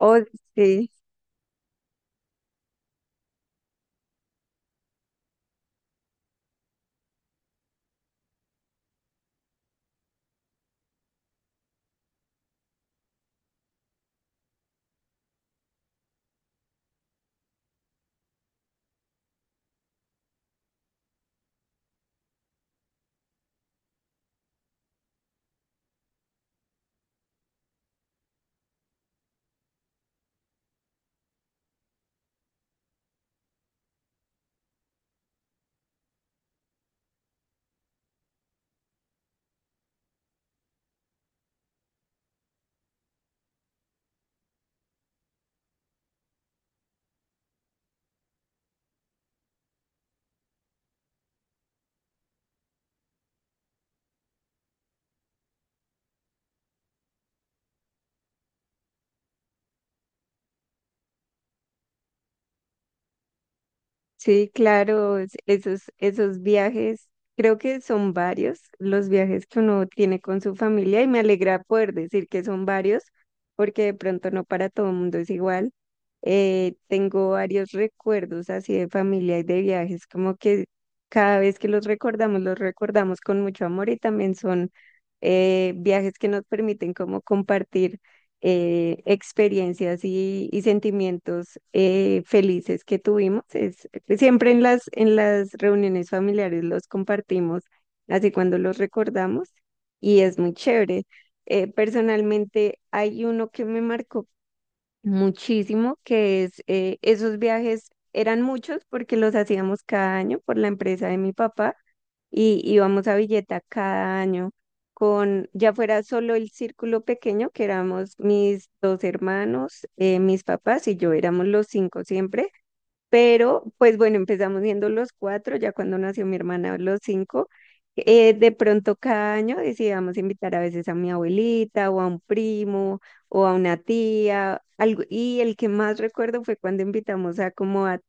Oh, sí, sí, claro, esos, esos viajes, creo que son varios los viajes que uno tiene con su familia y me alegra poder decir que son varios, porque de pronto no para todo el mundo es igual. Tengo varios recuerdos así de familia y de viajes, como que cada vez que los recordamos con mucho amor y también son viajes que nos permiten como compartir, experiencias y sentimientos felices que tuvimos. Es, siempre en las reuniones familiares los compartimos, así cuando los recordamos, y es muy chévere. Personalmente hay uno que me marcó muchísimo, que es esos viajes eran muchos porque los hacíamos cada año por la empresa de mi papá y íbamos a Villeta cada año con, ya fuera solo el círculo pequeño, que éramos mis dos hermanos, mis papás y yo, éramos los cinco siempre, pero, pues bueno, empezamos siendo los cuatro, ya cuando nació mi hermana, los cinco. De pronto cada año decidíamos invitar a veces a mi abuelita o a un primo o a una tía, algo. Y el que más recuerdo fue cuando invitamos a como a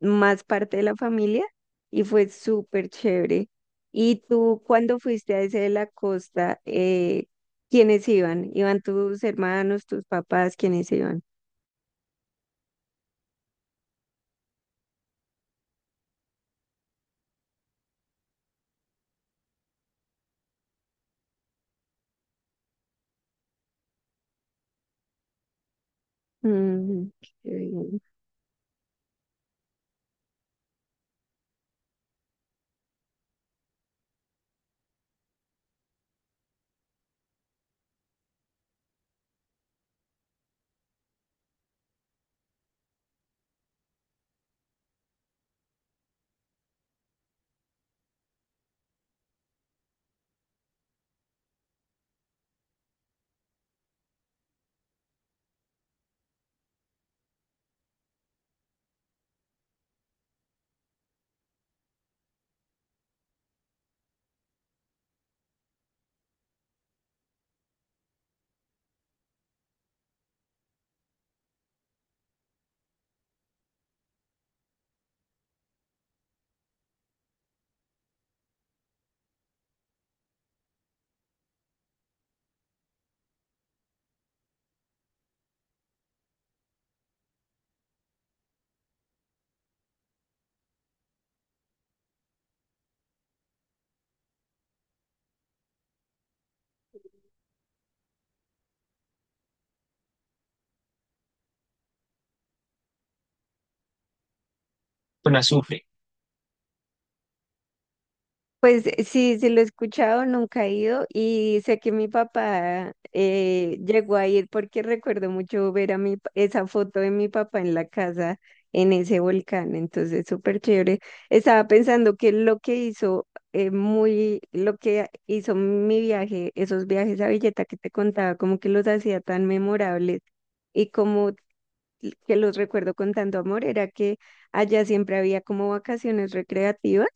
más parte de la familia y fue súper chévere. ¿Y tú cuando fuiste a ese de la costa, quiénes iban? ¿Iban tus hermanos, tus papás? ¿Quiénes iban? Mm, qué bien. Con azufre. Pues sí, sí lo he escuchado, nunca he ido y sé que mi papá llegó a ir porque recuerdo mucho ver a mi, esa foto de mi papá en la casa en ese volcán, entonces súper chévere. Estaba pensando que lo que hizo lo que hizo mi viaje, esos viajes a Villeta que te contaba, como que los hacía tan memorables y como que los recuerdo con tanto amor, era que allá siempre había como vacaciones recreativas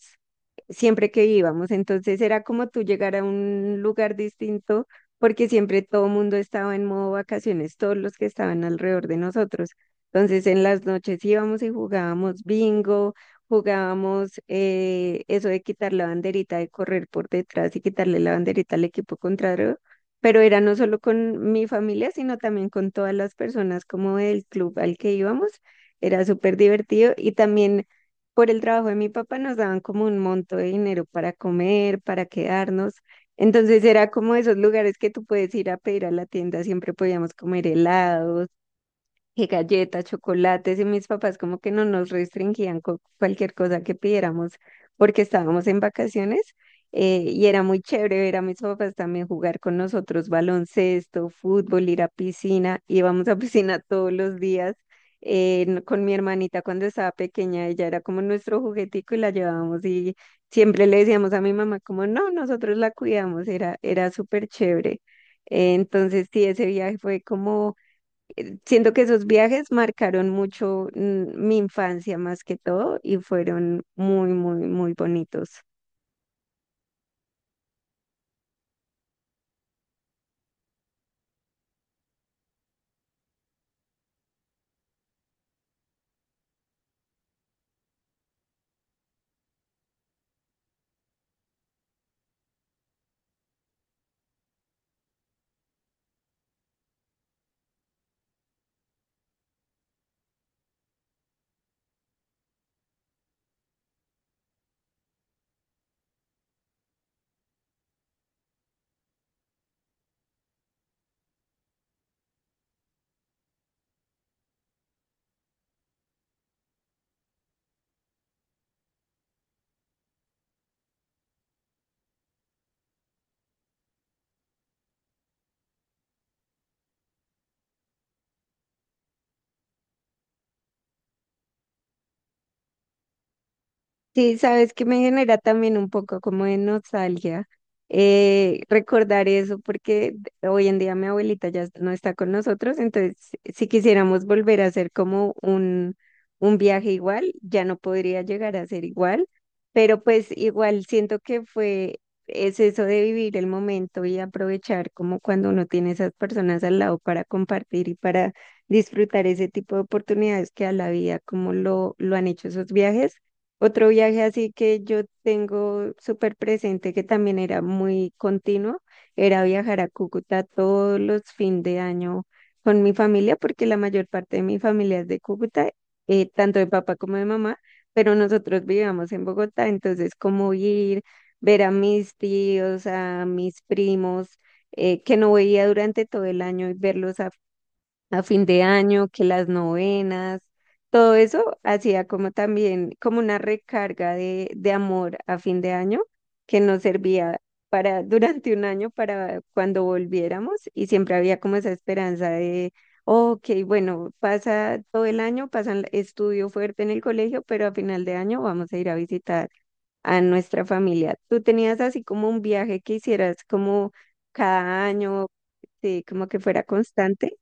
siempre que íbamos. Entonces era como tú llegar a un lugar distinto porque siempre todo el mundo estaba en modo vacaciones, todos los que estaban alrededor de nosotros. Entonces en las noches íbamos y jugábamos bingo, jugábamos eso de quitar la banderita, de correr por detrás y quitarle la banderita al equipo contrario. Pero era no solo con mi familia, sino también con todas las personas como del club al que íbamos. Era súper divertido y también por el trabajo de mi papá nos daban como un monto de dinero para comer, para quedarnos. Entonces era como esos lugares que tú puedes ir a pedir a la tienda, siempre podíamos comer helados, que galletas, chocolates, y mis papás como que no nos restringían con cualquier cosa que pidiéramos porque estábamos en vacaciones y era muy chévere ver a mis papás también jugar con nosotros baloncesto, fútbol, ir a piscina, íbamos a piscina todos los días. Con mi hermanita cuando estaba pequeña, ella era como nuestro juguetico y la llevábamos y siempre le decíamos a mi mamá como no, nosotros la cuidamos, era súper chévere. Entonces, sí, ese viaje fue como siento que esos viajes marcaron mucho mi infancia más que todo y fueron muy, muy, muy bonitos. Sí, sabes que me genera también un poco como de nostalgia recordar eso, porque hoy en día mi abuelita ya no está con nosotros, entonces si quisiéramos volver a hacer como un viaje igual, ya no podría llegar a ser igual, pero pues igual siento que fue, es eso de vivir el momento y aprovechar como cuando uno tiene esas personas al lado para compartir y para disfrutar ese tipo de oportunidades que a la vida como lo han hecho esos viajes. Otro viaje así que yo tengo súper presente, que también era muy continuo, era viajar a Cúcuta todos los fin de año con mi familia, porque la mayor parte de mi familia es de Cúcuta, tanto de papá como de mamá, pero nosotros vivíamos en Bogotá, entonces como ir, ver a mis tíos, a mis primos, que no veía durante todo el año y verlos a fin de año, que las novenas, todo eso hacía como también, como una recarga de amor a fin de año que nos servía para durante un año para cuando volviéramos y siempre había como esa esperanza de, ok, bueno, pasa todo el año, pasan estudio fuerte en el colegio, pero a final de año vamos a ir a visitar a nuestra familia. ¿Tú tenías así como un viaje que hicieras como cada año, sí, como que fuera constante?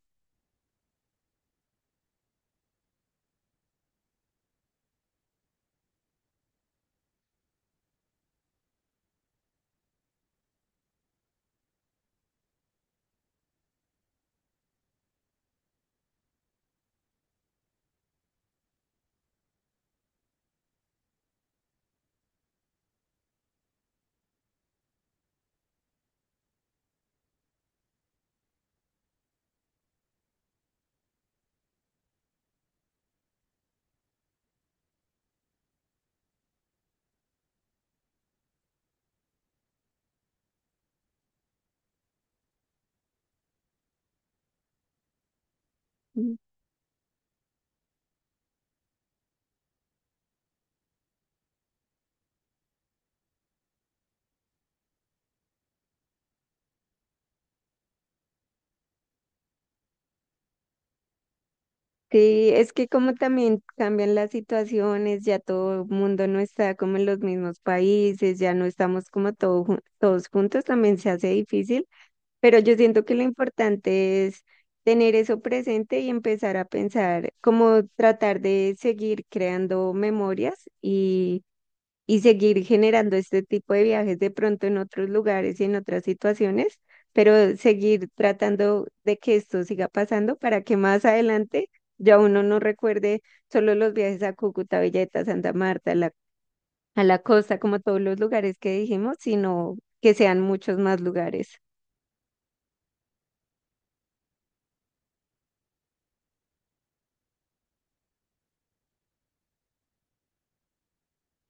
Mm. Sí, es que como también cambian las situaciones, ya todo el mundo no está como en los mismos países, ya no estamos como todo todos juntos, también se hace difícil, pero yo siento que lo importante es tener eso presente y empezar a pensar, como tratar de seguir creando memorias y seguir generando este tipo de viajes de pronto en otros lugares y en otras situaciones, pero seguir tratando de que esto siga pasando para que más adelante ya uno no recuerde solo los viajes a Cúcuta, Villeta, Santa Marta, a la costa, como todos los lugares que dijimos, sino que sean muchos más lugares.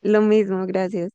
Lo mismo, gracias.